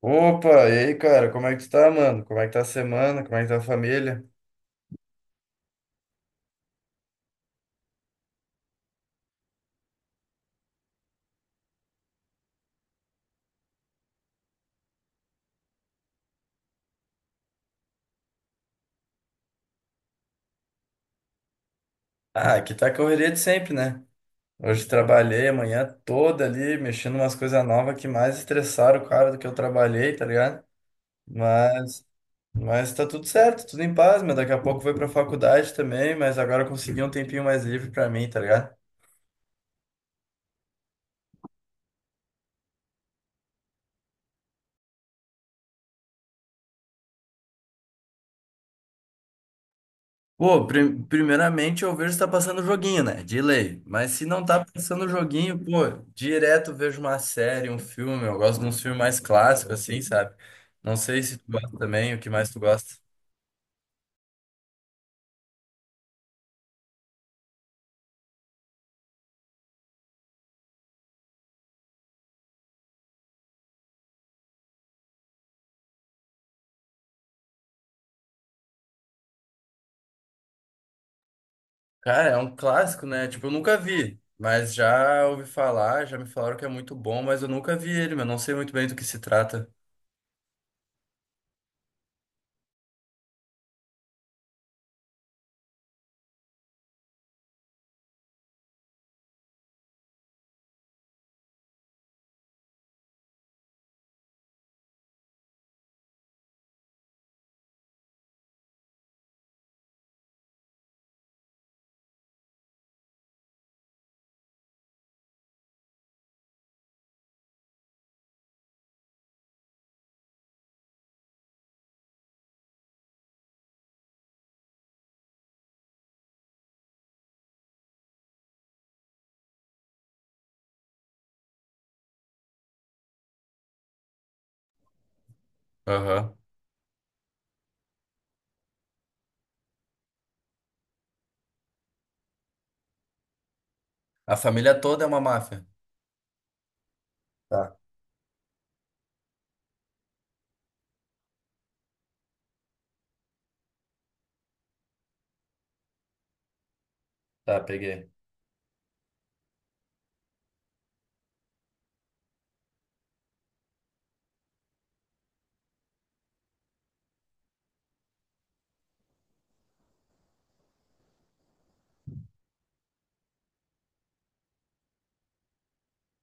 Opa, e aí, cara, como é que tu tá, mano? Como é que tá a semana? Como é que tá a família? Ah, aqui tá a correria de sempre, né? Hoje trabalhei a manhã toda ali, mexendo umas coisas novas que mais estressaram o cara do que eu trabalhei, tá ligado? Mas, mas tá tudo certo, tudo em paz, mas daqui a pouco eu vou pra faculdade também, mas agora eu consegui um tempinho mais livre pra mim, tá ligado? Pô, primeiramente eu vejo se tá passando joguinho, né? De lei. Mas se não tá passando joguinho, pô, direto vejo uma série, um filme. Eu gosto de uns filmes mais clássicos, assim, sabe? Não sei se tu gosta também, o que mais tu gosta. Cara, é um clássico, né? Tipo, eu nunca vi, mas já ouvi falar, já me falaram que é muito bom, mas eu nunca vi ele, mas não sei muito bem do que se trata. Aham. A família toda é uma máfia. Tá, tá, peguei.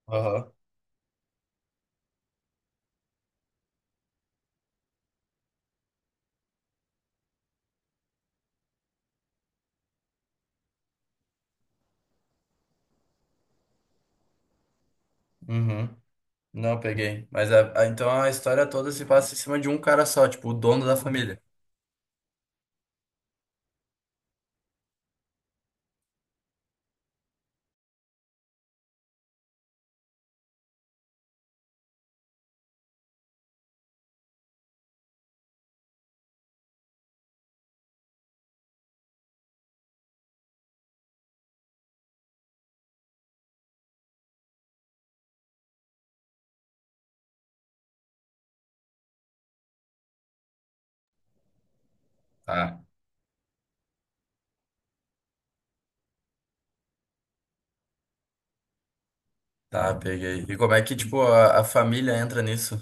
Aham. Uhum. Não peguei. Mas então a história toda se passa em cima de um cara só, tipo, o dono da família. Tá. Tá, peguei. E como é que, tipo, a família entra nisso?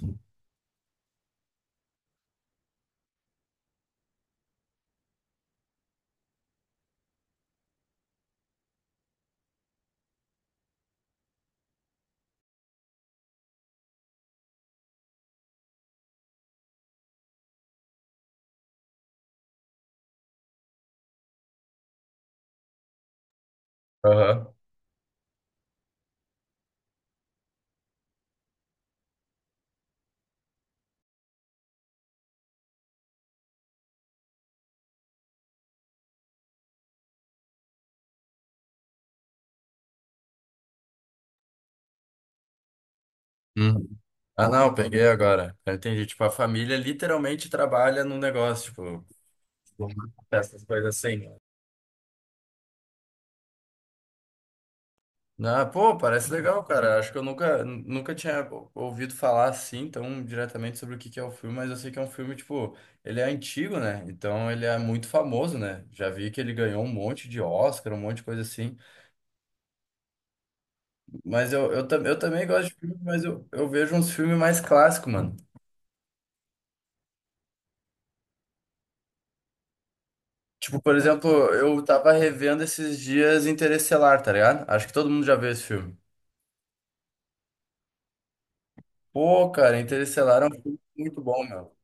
Aham. Hum. Ah, não, peguei agora. Eu entendi. Tipo, a família literalmente trabalha num negócio, tipo, essas coisas assim. Ah, pô, parece legal, cara. Acho que eu nunca tinha ouvido falar assim tão diretamente sobre o que que é o filme, mas eu sei que é um filme, tipo, ele é antigo, né? Então ele é muito famoso, né? Já vi que ele ganhou um monte de Oscar, um monte de coisa assim. Mas eu também gosto de filme, mas eu vejo uns filmes mais clássicos, mano. Tipo, por exemplo, eu tava revendo esses dias Interestelar, tá ligado? Acho que todo mundo já viu esse filme. Pô, cara, Interestelar é um filme muito bom, meu.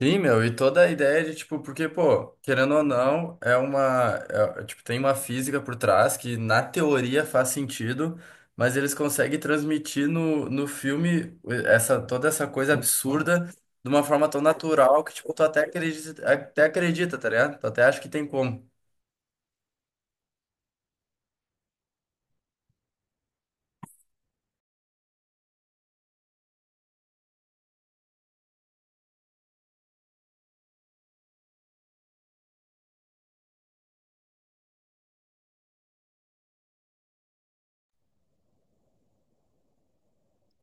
Sim, meu, e toda a ideia de, tipo, porque, pô, querendo ou não, é, tipo, tem uma física por trás que na teoria faz sentido, mas eles conseguem transmitir no filme essa, toda essa coisa absurda de uma forma tão natural que, tipo, tu até até acredita, tá ligado? Tu até acha que tem como.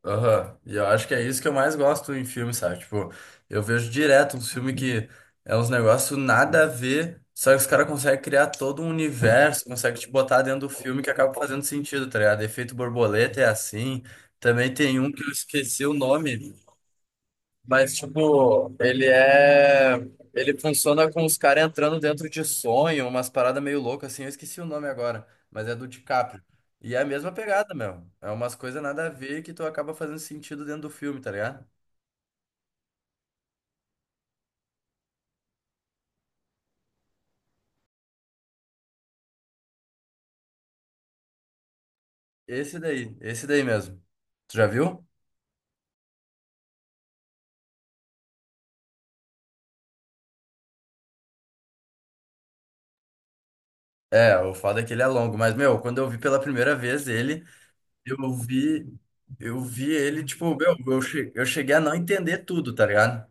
Aham. E eu acho que é isso que eu mais gosto em filme, sabe? Tipo, eu vejo direto um filme que é uns negócios nada a ver, só que os caras conseguem criar todo um universo, conseguem te botar dentro do filme que acaba fazendo sentido, tá ligado? Efeito Borboleta é assim. Também tem um que eu esqueci o nome, mas, tipo, ele é. Ele funciona com os caras entrando dentro de sonho, umas paradas meio loucas, assim. Eu esqueci o nome agora, mas é do DiCaprio. E é a mesma pegada, meu. É umas coisas nada a ver que tu acaba fazendo sentido dentro do filme, tá ligado? Esse daí mesmo. Tu já viu? É, o foda é que ele é longo, mas, meu, quando eu vi pela primeira vez ele, eu vi. Eu vi ele, tipo, meu, eu cheguei a não entender tudo, tá ligado?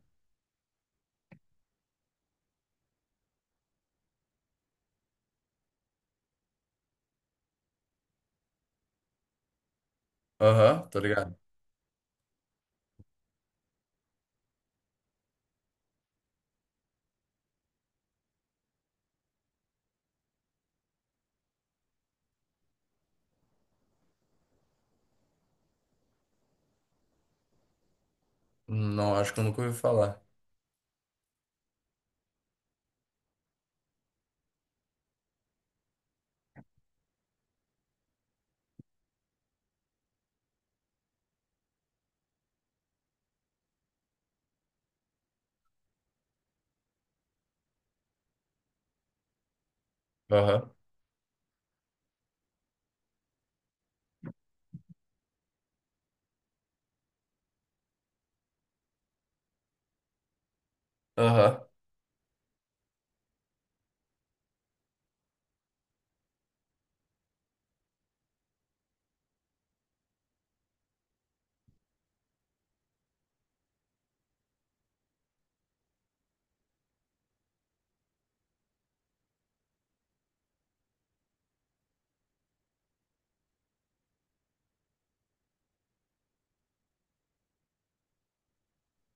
Aham, tô ligado. Não, acho que eu nunca ouvi falar. Aham. Aham.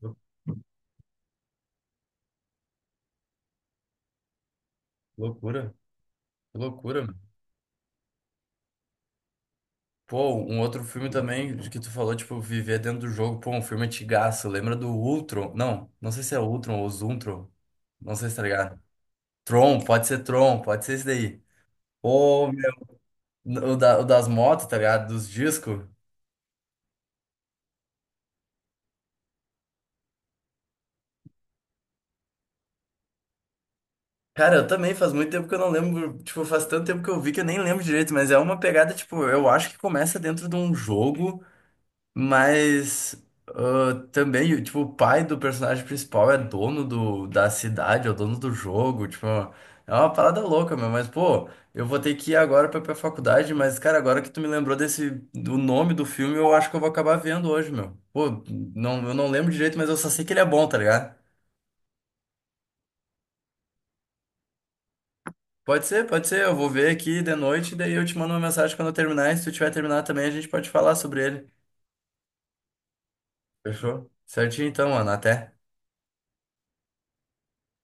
Lou- Loucura, que loucura, mano. Pô, um outro filme também de que tu falou, tipo, viver dentro do jogo. Pô, um filme antigaço. Lembra do Ultron? Não, não sei se é Ultron ou Zuntron. Não sei se tá ligado. Tron, pode ser esse daí. Ou meu, o, o das motos, tá ligado? Dos discos. Cara, eu também faz muito tempo que eu não lembro. Tipo, faz tanto tempo que eu vi que eu nem lembro direito, mas é uma pegada, tipo, eu acho que começa dentro de um jogo. Mas ah, também, tipo, o pai do personagem principal é dono da cidade, é o dono do jogo, tipo, é uma parada louca, meu, mas pô, eu vou ter que ir agora pra faculdade, mas cara, agora que tu me lembrou desse, do nome do filme, eu acho que eu vou acabar vendo hoje, meu. Pô, não, eu não lembro direito, mas eu só sei que ele é bom, tá ligado? Pode ser, eu vou ver aqui de noite, daí eu te mando uma mensagem quando eu terminar, e se tu tiver terminado também, a gente pode falar sobre ele. Fechou? Certinho então, mano, até.